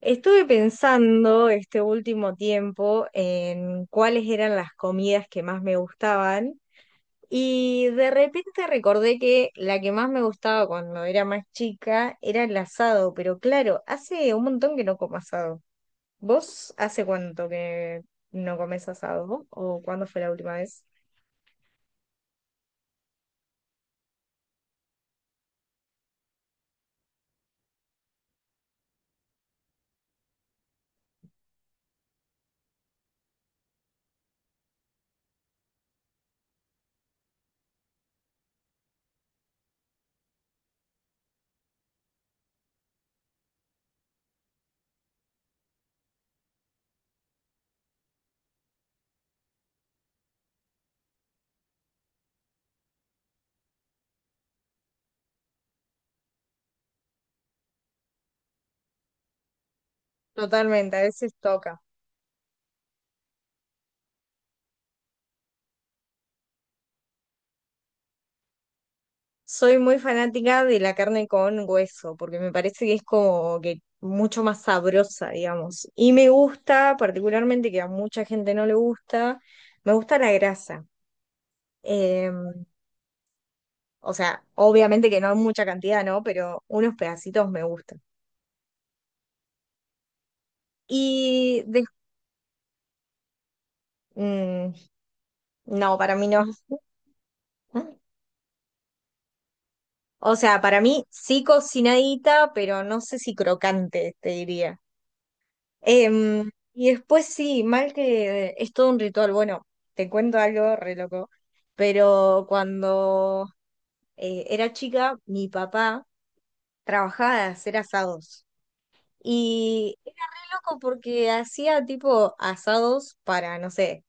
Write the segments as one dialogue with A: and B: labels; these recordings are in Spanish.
A: Estuve pensando este último tiempo en cuáles eran las comidas que más me gustaban y de repente recordé que la que más me gustaba cuando era más chica era el asado, pero claro, hace un montón que no como asado. ¿Vos hace cuánto que no comes asado o cuándo fue la última vez? Totalmente, a veces toca. Soy muy fanática de la carne con hueso, porque me parece que es como que mucho más sabrosa, digamos. Y me gusta, particularmente, que a mucha gente no le gusta, me gusta la grasa. Eh, o sea, obviamente que no en mucha cantidad, ¿no? Pero unos pedacitos me gustan. Y de- mm, no, para mí no. O sea, para mí sí cocinadita, pero no sé si crocante, te diría. Y después sí, mal que es todo un ritual. Bueno, te cuento algo re loco, pero cuando era chica, mi papá trabajaba de hacer asados. Y era re loco porque hacía tipo asados para, no sé,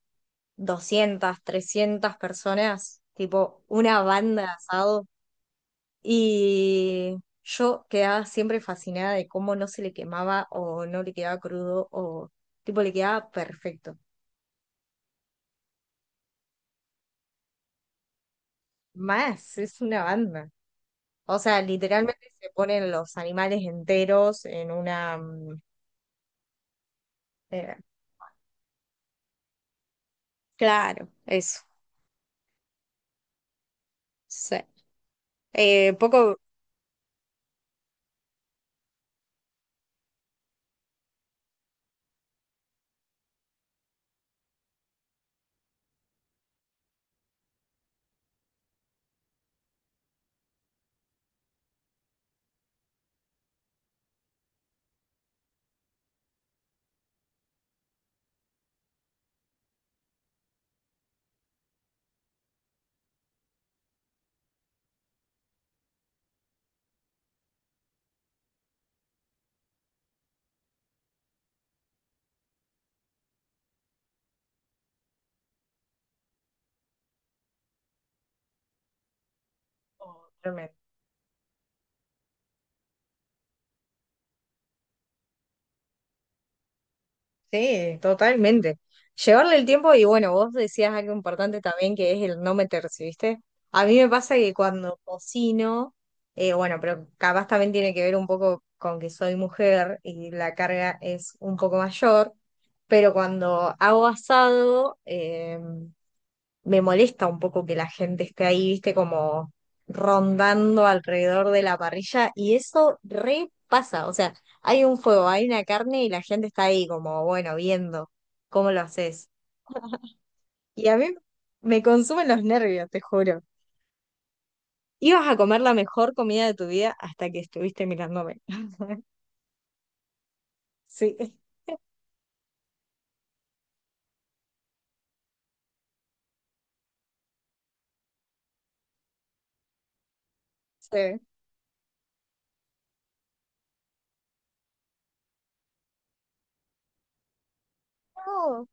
A: 200, 300 personas, tipo una banda de asado. Y yo quedaba siempre fascinada de cómo no se le quemaba o no le quedaba crudo o tipo le quedaba perfecto. Más, es una banda. O sea, literalmente se ponen los animales enteros en una... eh, Claro, eso. Sí. Poco. Totalmente. Sí, totalmente. Llevarle el tiempo y bueno, vos decías algo importante también que es el no meterse, ¿viste? A mí me pasa que cuando cocino, bueno, pero capaz también tiene que ver un poco con que soy mujer y la carga es un poco mayor, pero cuando hago asado, me molesta un poco que la gente esté ahí, viste, como rondando alrededor de la parrilla y eso repasa, o sea, hay un fuego, hay una carne y la gente está ahí como, bueno, viendo cómo lo haces. Y a mí me consumen los nervios, te juro. Ibas a comer la mejor comida de tu vida hasta que estuviste mirándome. Sí, sí. No,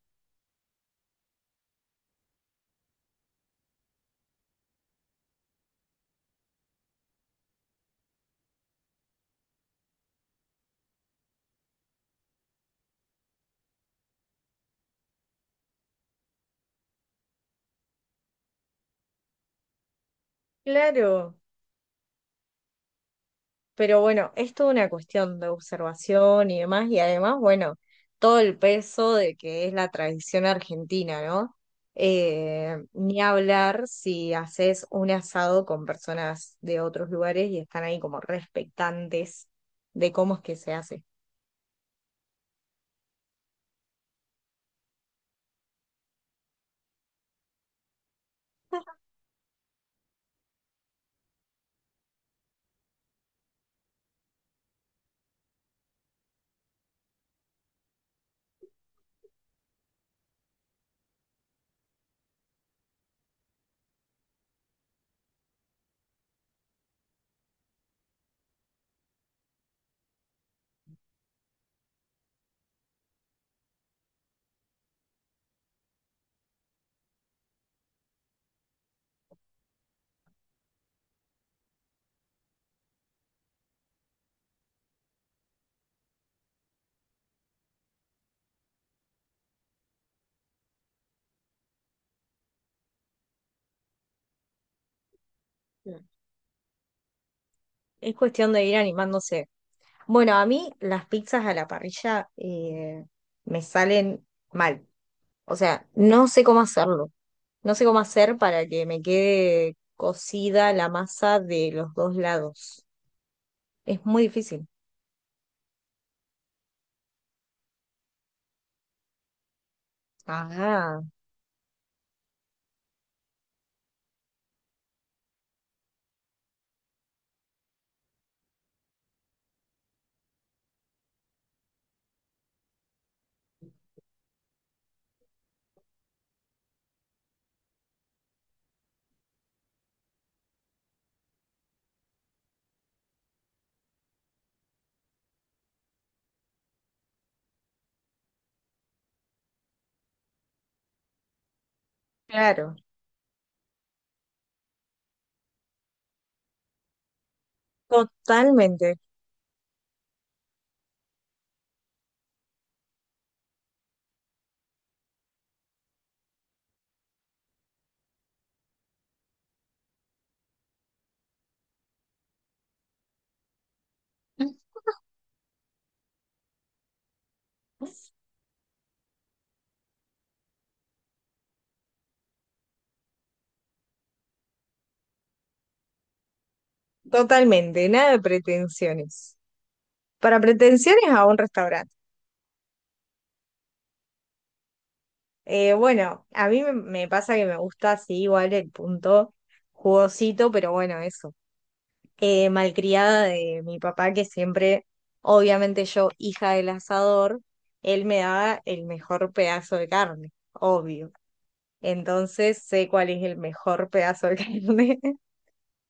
A: claro. Pero bueno, es toda una cuestión de observación y demás, y además, bueno, todo el peso de que es la tradición argentina, ¿no? Ni hablar si haces un asado con personas de otros lugares y están ahí como respectantes de cómo es que se hace. Mm. Es cuestión de ir animándose. Bueno, a mí las pizzas a la parrilla me salen mal. O sea, no sé cómo hacerlo. No sé cómo hacer para que me quede cocida la masa de los dos lados. Es muy difícil. Ah, claro. Totalmente. Totalmente. Nada de pretensiones. Para pretensiones a un restaurante. Bueno, a mí me pasa que me gusta así igual el punto jugosito, pero bueno, eso. Eh, malcriada de mi papá, que siempre, obviamente yo, hija del asador, él me daba el mejor pedazo de carne, obvio. Entonces sé cuál es el mejor pedazo de carne.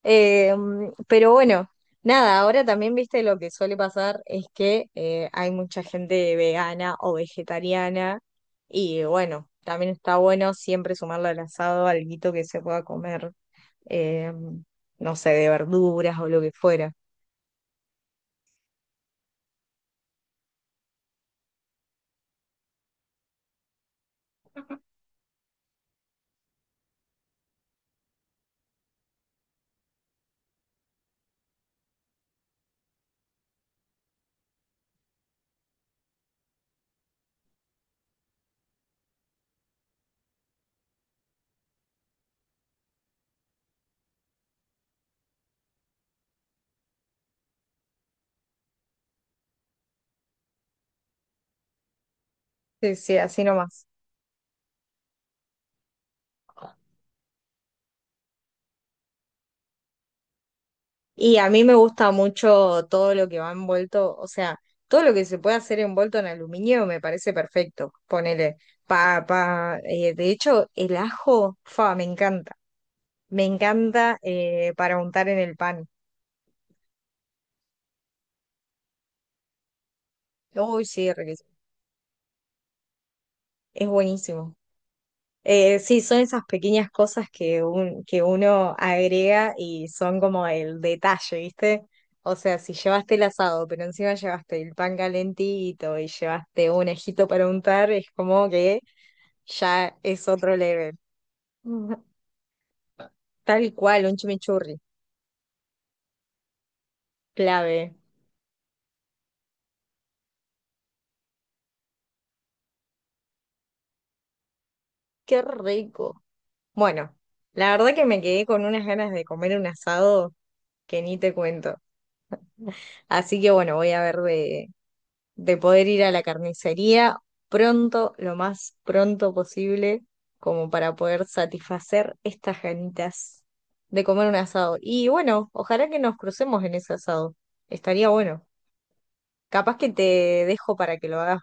A: Eh, pero bueno, Nada, ahora también, viste, lo que suele pasar es que hay mucha gente vegana o vegetariana y bueno, también está bueno siempre sumarle al asado alguito que se pueda comer, eh, no sé, de verduras o lo que fuera. Sí, sí, así nomás. Y a mí me gusta mucho todo lo que va envuelto, o sea, todo lo que se puede hacer envuelto en aluminio me parece perfecto. Ponele papa, de hecho, el ajo, fa, me encanta. Me encanta para untar en el pan. Uy, sí, riquísimo. Es buenísimo. Sí, son esas pequeñas cosas que, que uno agrega y son como el detalle, ¿viste? O sea, si llevaste el asado, pero encima llevaste el pan calentito y llevaste un ejito para untar, es como que ya es otro level. Ujú. Tal cual, un chimichurri, clave. Qué rico. Bueno, la verdad que me quedé con unas ganas de comer un asado que ni te cuento. Así que bueno, voy a ver de poder ir a la carnicería pronto, lo más pronto posible, como para poder satisfacer estas ganitas de comer un asado. Y bueno, ojalá que nos crucemos en ese asado. Estaría bueno. Capaz que te dejo para que lo hagas